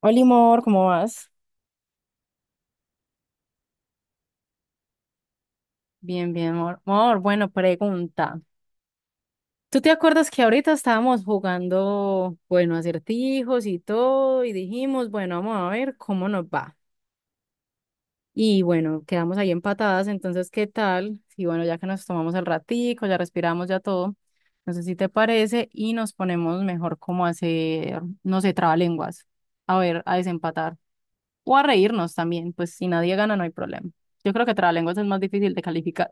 Hola, amor, ¿cómo vas? Bien, bien, amor. Amor, bueno, pregunta. ¿Tú te acuerdas que ahorita estábamos jugando, bueno, acertijos y todo, y dijimos, bueno, vamos a ver cómo nos va? Y bueno, quedamos ahí empatadas, entonces, ¿qué tal? Y bueno, ya que nos tomamos el ratico, ya respiramos, ya todo, no sé si te parece, y nos ponemos mejor como a hacer, no sé, trabalenguas, a ver, a desempatar, o a reírnos también, pues si nadie gana no hay problema. Yo creo que trabalenguas es más difícil de calificar.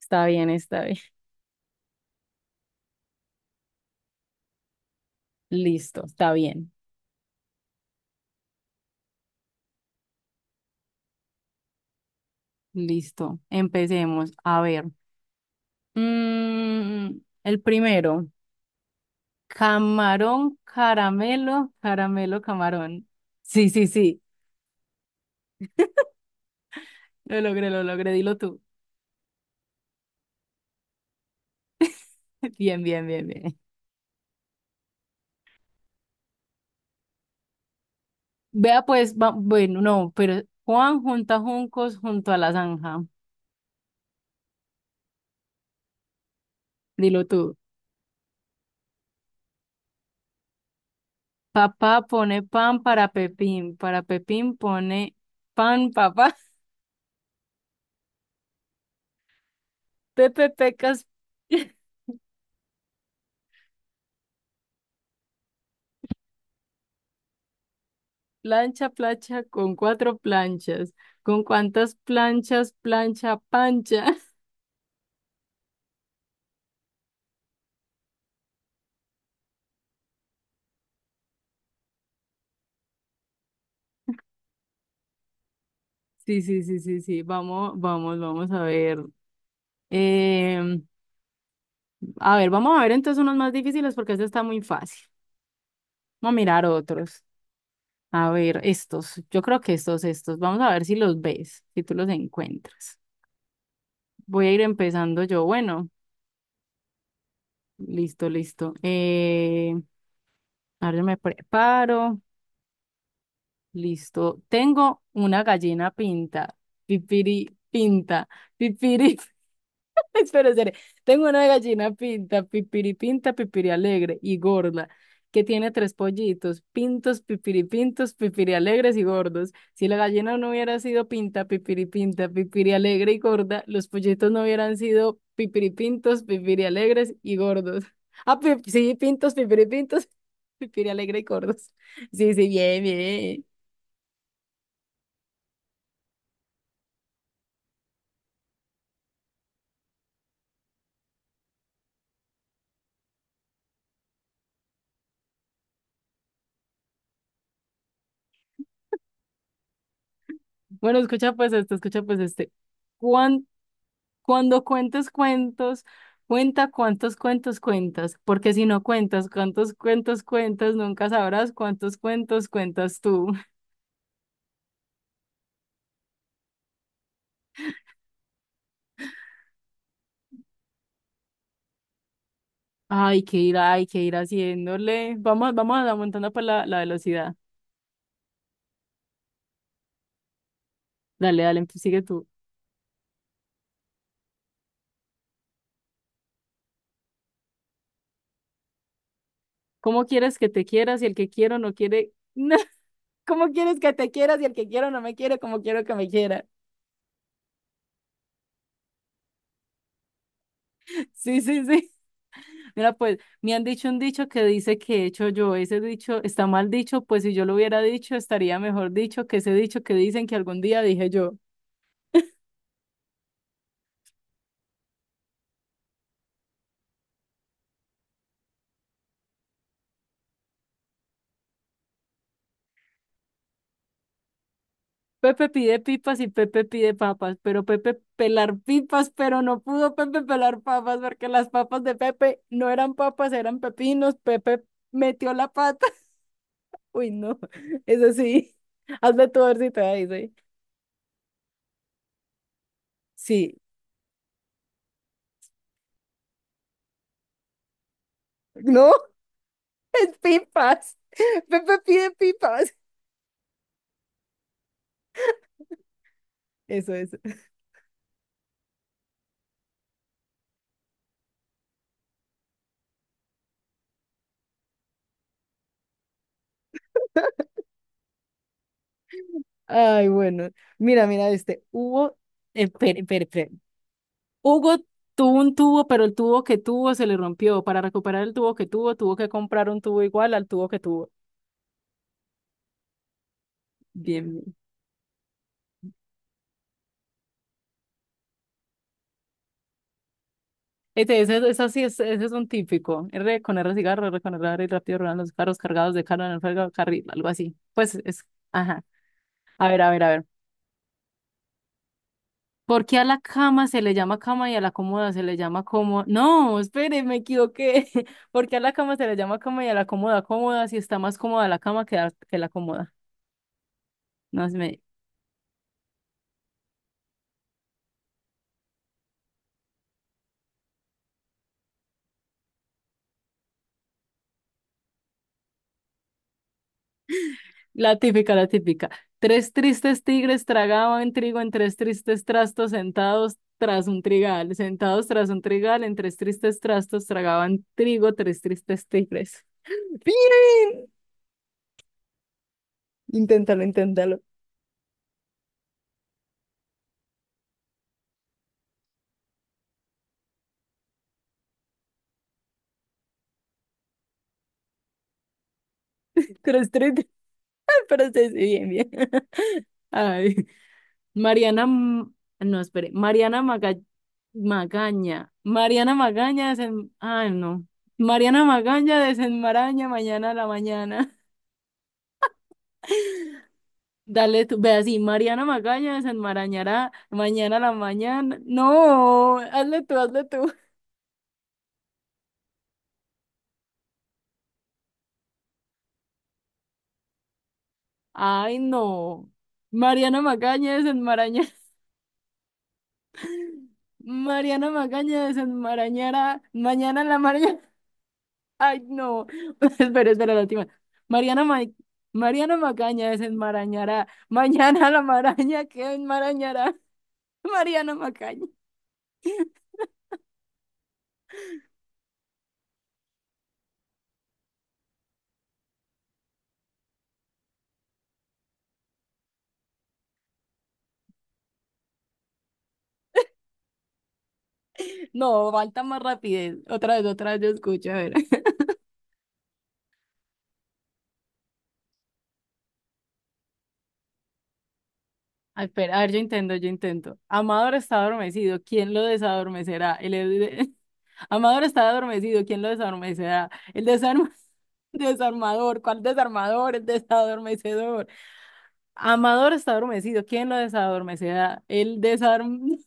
Está bien, está bien. Listo, está bien. Listo. Empecemos. A ver. Mm, el primero. Camarón, caramelo, caramelo, camarón. Sí, sí, sí. Lo logré, lo logré. Dilo tú. Bien, bien, bien, bien. Vea pues, bueno, no, pero Juan junta juncos junto a la zanja. Dilo tú. Papá pone pan para Pepín. Para Pepín pone pan, papá. Pepe pecas. Plancha, plancha con cuatro planchas. ¿Con cuántas planchas, plancha, pancha? Sí, sí, sí, sí, sí. Vamos, vamos, vamos a ver. Em, a ver, vamos a ver entonces unos más difíciles porque este está muy fácil. Vamos a mirar otros. A ver, estos. Yo creo que estos, estos. Vamos a ver si los ves, si tú los encuentras. Voy a ir empezando yo. Bueno, listo, listo. A ver, me preparo. Listo. Tengo una gallina pinta. Pipiri pinta. Pipiri. Espera, espera. Tengo una gallina pinta, pipiri alegre y gorda, que tiene tres pollitos, pintos, pipiri alegres y gordos. Si la gallina no hubiera sido pinta, pipiri alegre y gorda, los pollitos no hubieran sido pipiri pintos, pipiri alegres y gordos. Ah, sí, pintos, pipiri pintos, pipiri alegre y gordos. Sí, sí, bien, bien. Bueno, escucha pues este, escucha pues este. Cuan- Cuando cuentes cuentos, cuenta cuántos cuentos cuentas, porque si no cuentas cuántos cuentos cuentas, nunca sabrás cuántos cuentos cuentas tú. Ay, qué ir, hay que ir haciéndole. Vamos, vamos aumentando pues la velocidad. Dale, dale, sigue tú. ¿Cómo quieres que te quieras si el que quiero no quiere? ¿Cómo quieres que te quieras si el que quiero no me quiere como quiero que me quiera? Sí, sí, sí. Mira, pues me han dicho un dicho que dice que he hecho yo. Ese dicho está mal dicho, pues si yo lo hubiera dicho, estaría mejor dicho que ese dicho que dicen que algún día dije yo. Pepe pide pipas y Pepe pide papas, pero Pepe pelar pipas, pero no pudo Pepe pelar papas porque las papas de Pepe no eran papas, eran pepinos. Pepe metió la pata. Uy, no, eso sí. Hazme tu versito ahí, sí. Sí, no, es pipas. Pepe pide pipas. Eso es. Ay, bueno. Mira, mira, este, hubo, espere, espere, espere. Hugo tuvo un tubo, pero el tubo que tuvo se le rompió. Para recuperar el tubo que tuvo, tuvo que comprar un tubo igual al tubo que tuvo. Bien, bien. Este, ese sí es, ese es un típico. R con R cigarro, R con R y rápido ruedan los carros cargados de carga en el fuego carril, algo así. Pues es, ajá. A ver, a ver, a ver. ¿Por qué a la cama se le llama cama y a la cómoda se le llama cómoda? No, espere, me equivoqué. ¿Por qué a la cama se le llama cama y a la cómoda cómoda si está más cómoda la cama que, que la cómoda? No es me... La típica, la típica. Tres tristes tigres tragaban trigo en tres tristes trastos sentados tras un trigal. Sentados tras un trigal en tres tristes trastos tragaban trigo tres tristes tigres. Bien. Inténtalo, inténtalo. Tres tristes. Pero sí, sí, bien, bien. Ay. Mariana, no, espere, Magaña, Mariana Magaña desen, ay, no, Mariana Magaña desenmaraña mañana a la mañana. Dale tú, ve así, Mariana Magaña desenmarañará mañana a la mañana. No, hazle tú, hazle tú. Ay, no. Mariana Magaña desenmaraña. Mariana Magaña desenmarañará mañana a la mañana. Ay, no. Espera, espera, la última. Mariana, Mariana Macaña desenmarañará. Mañana la maraña que enmarañará. Mariana Macaña. No, falta más rapidez. Otra vez yo escucho, a ver. Ay, espera, a ver, yo intento, yo intento. Amador está adormecido. ¿Quién lo desadormecerá? El, Amador está adormecido. ¿Quién lo desarmecerá? Desarmador. ¿Cuál desarmador? El desadormecedor. Amador está adormecido. ¿Quién lo desadormecerá? El desarm...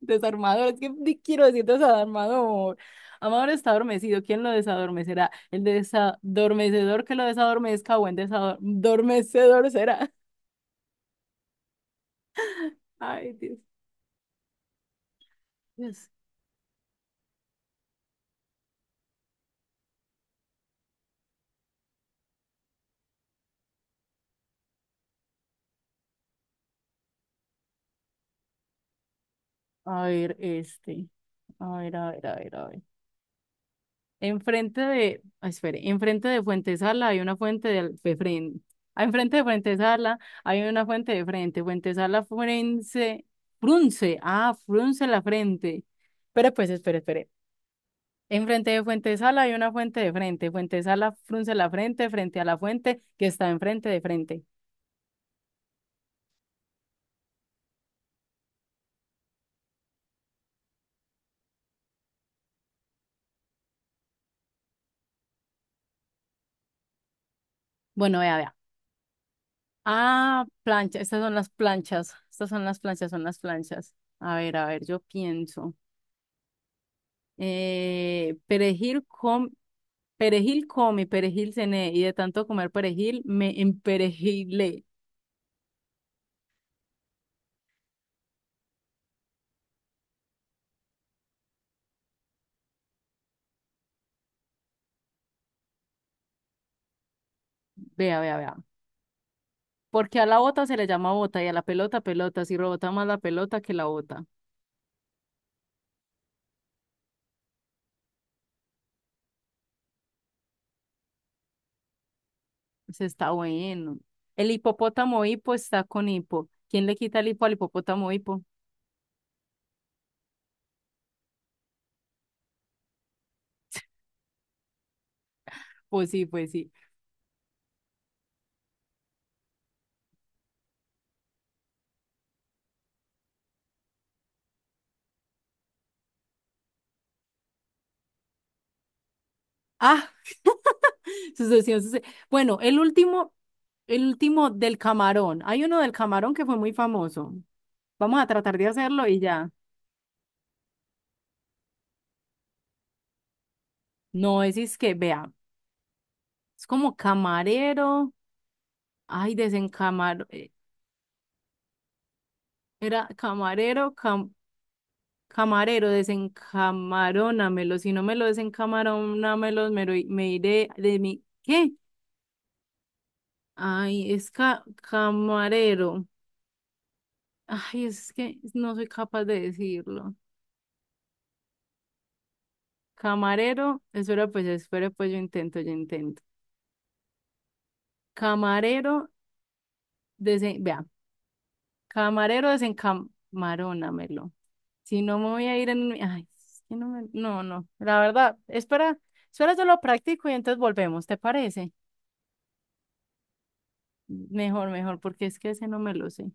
desarmador. Es que quiero decir desarmador. Amador está adormecido. ¿Quién lo desadormecerá? El desadormecedor que lo desadormezca o el desadormecedor será. Ay, Dios. Dios. A ver, este. A ver, a ver, a ver, a ver. Enfrente de, ah, espere, enfrente de Fuentesala hay una fuente de, de frente. Enfrente de Fuentesala hay una fuente de frente. Fuentesala Frunce, Frunce, ah, Frunce la frente. Pero pues, espere, espere. Enfrente de Fuentesala hay una fuente de frente. Fuentesala Frunce la frente, frente a la fuente que está enfrente de frente. Bueno, vea, vea. Ah, plancha, estas son las planchas. Estas son las planchas, son las planchas. A ver, yo pienso. Perejil com, perejil come, perejil cené, y de tanto comer perejil me emperejilé. Vea, vea, vea. Porque a la bota se le llama bota y a la pelota pelota, si rebota más la pelota que la bota. Se está bueno. El hipopótamo hipo está con hipo. ¿Quién le quita el hipo al hipopótamo hipo? Pues sí, pues sí. Ah, sucesión, suce- Bueno, el último del camarón. Hay uno del camarón que fue muy famoso. Vamos a tratar de hacerlo y ya. No, es que, vea, es como camarero, ay, desencamarón, era camarero, camarero, desencamarónamelo, si no me lo desencamarónamelo, me, me iré de mi, ¿qué? Ay, es camarero, ay, es que no soy capaz de decirlo. Camarero, espera pues, yo intento, yo intento. Camarero, desen, vea, camarero, desencamarónamelo. Si no me voy a ir en... Ay, es que no me... No, no. La verdad, espera, espera, yo lo practico y entonces volvemos, ¿te parece? Mejor, mejor, porque es que ese no me lo sé.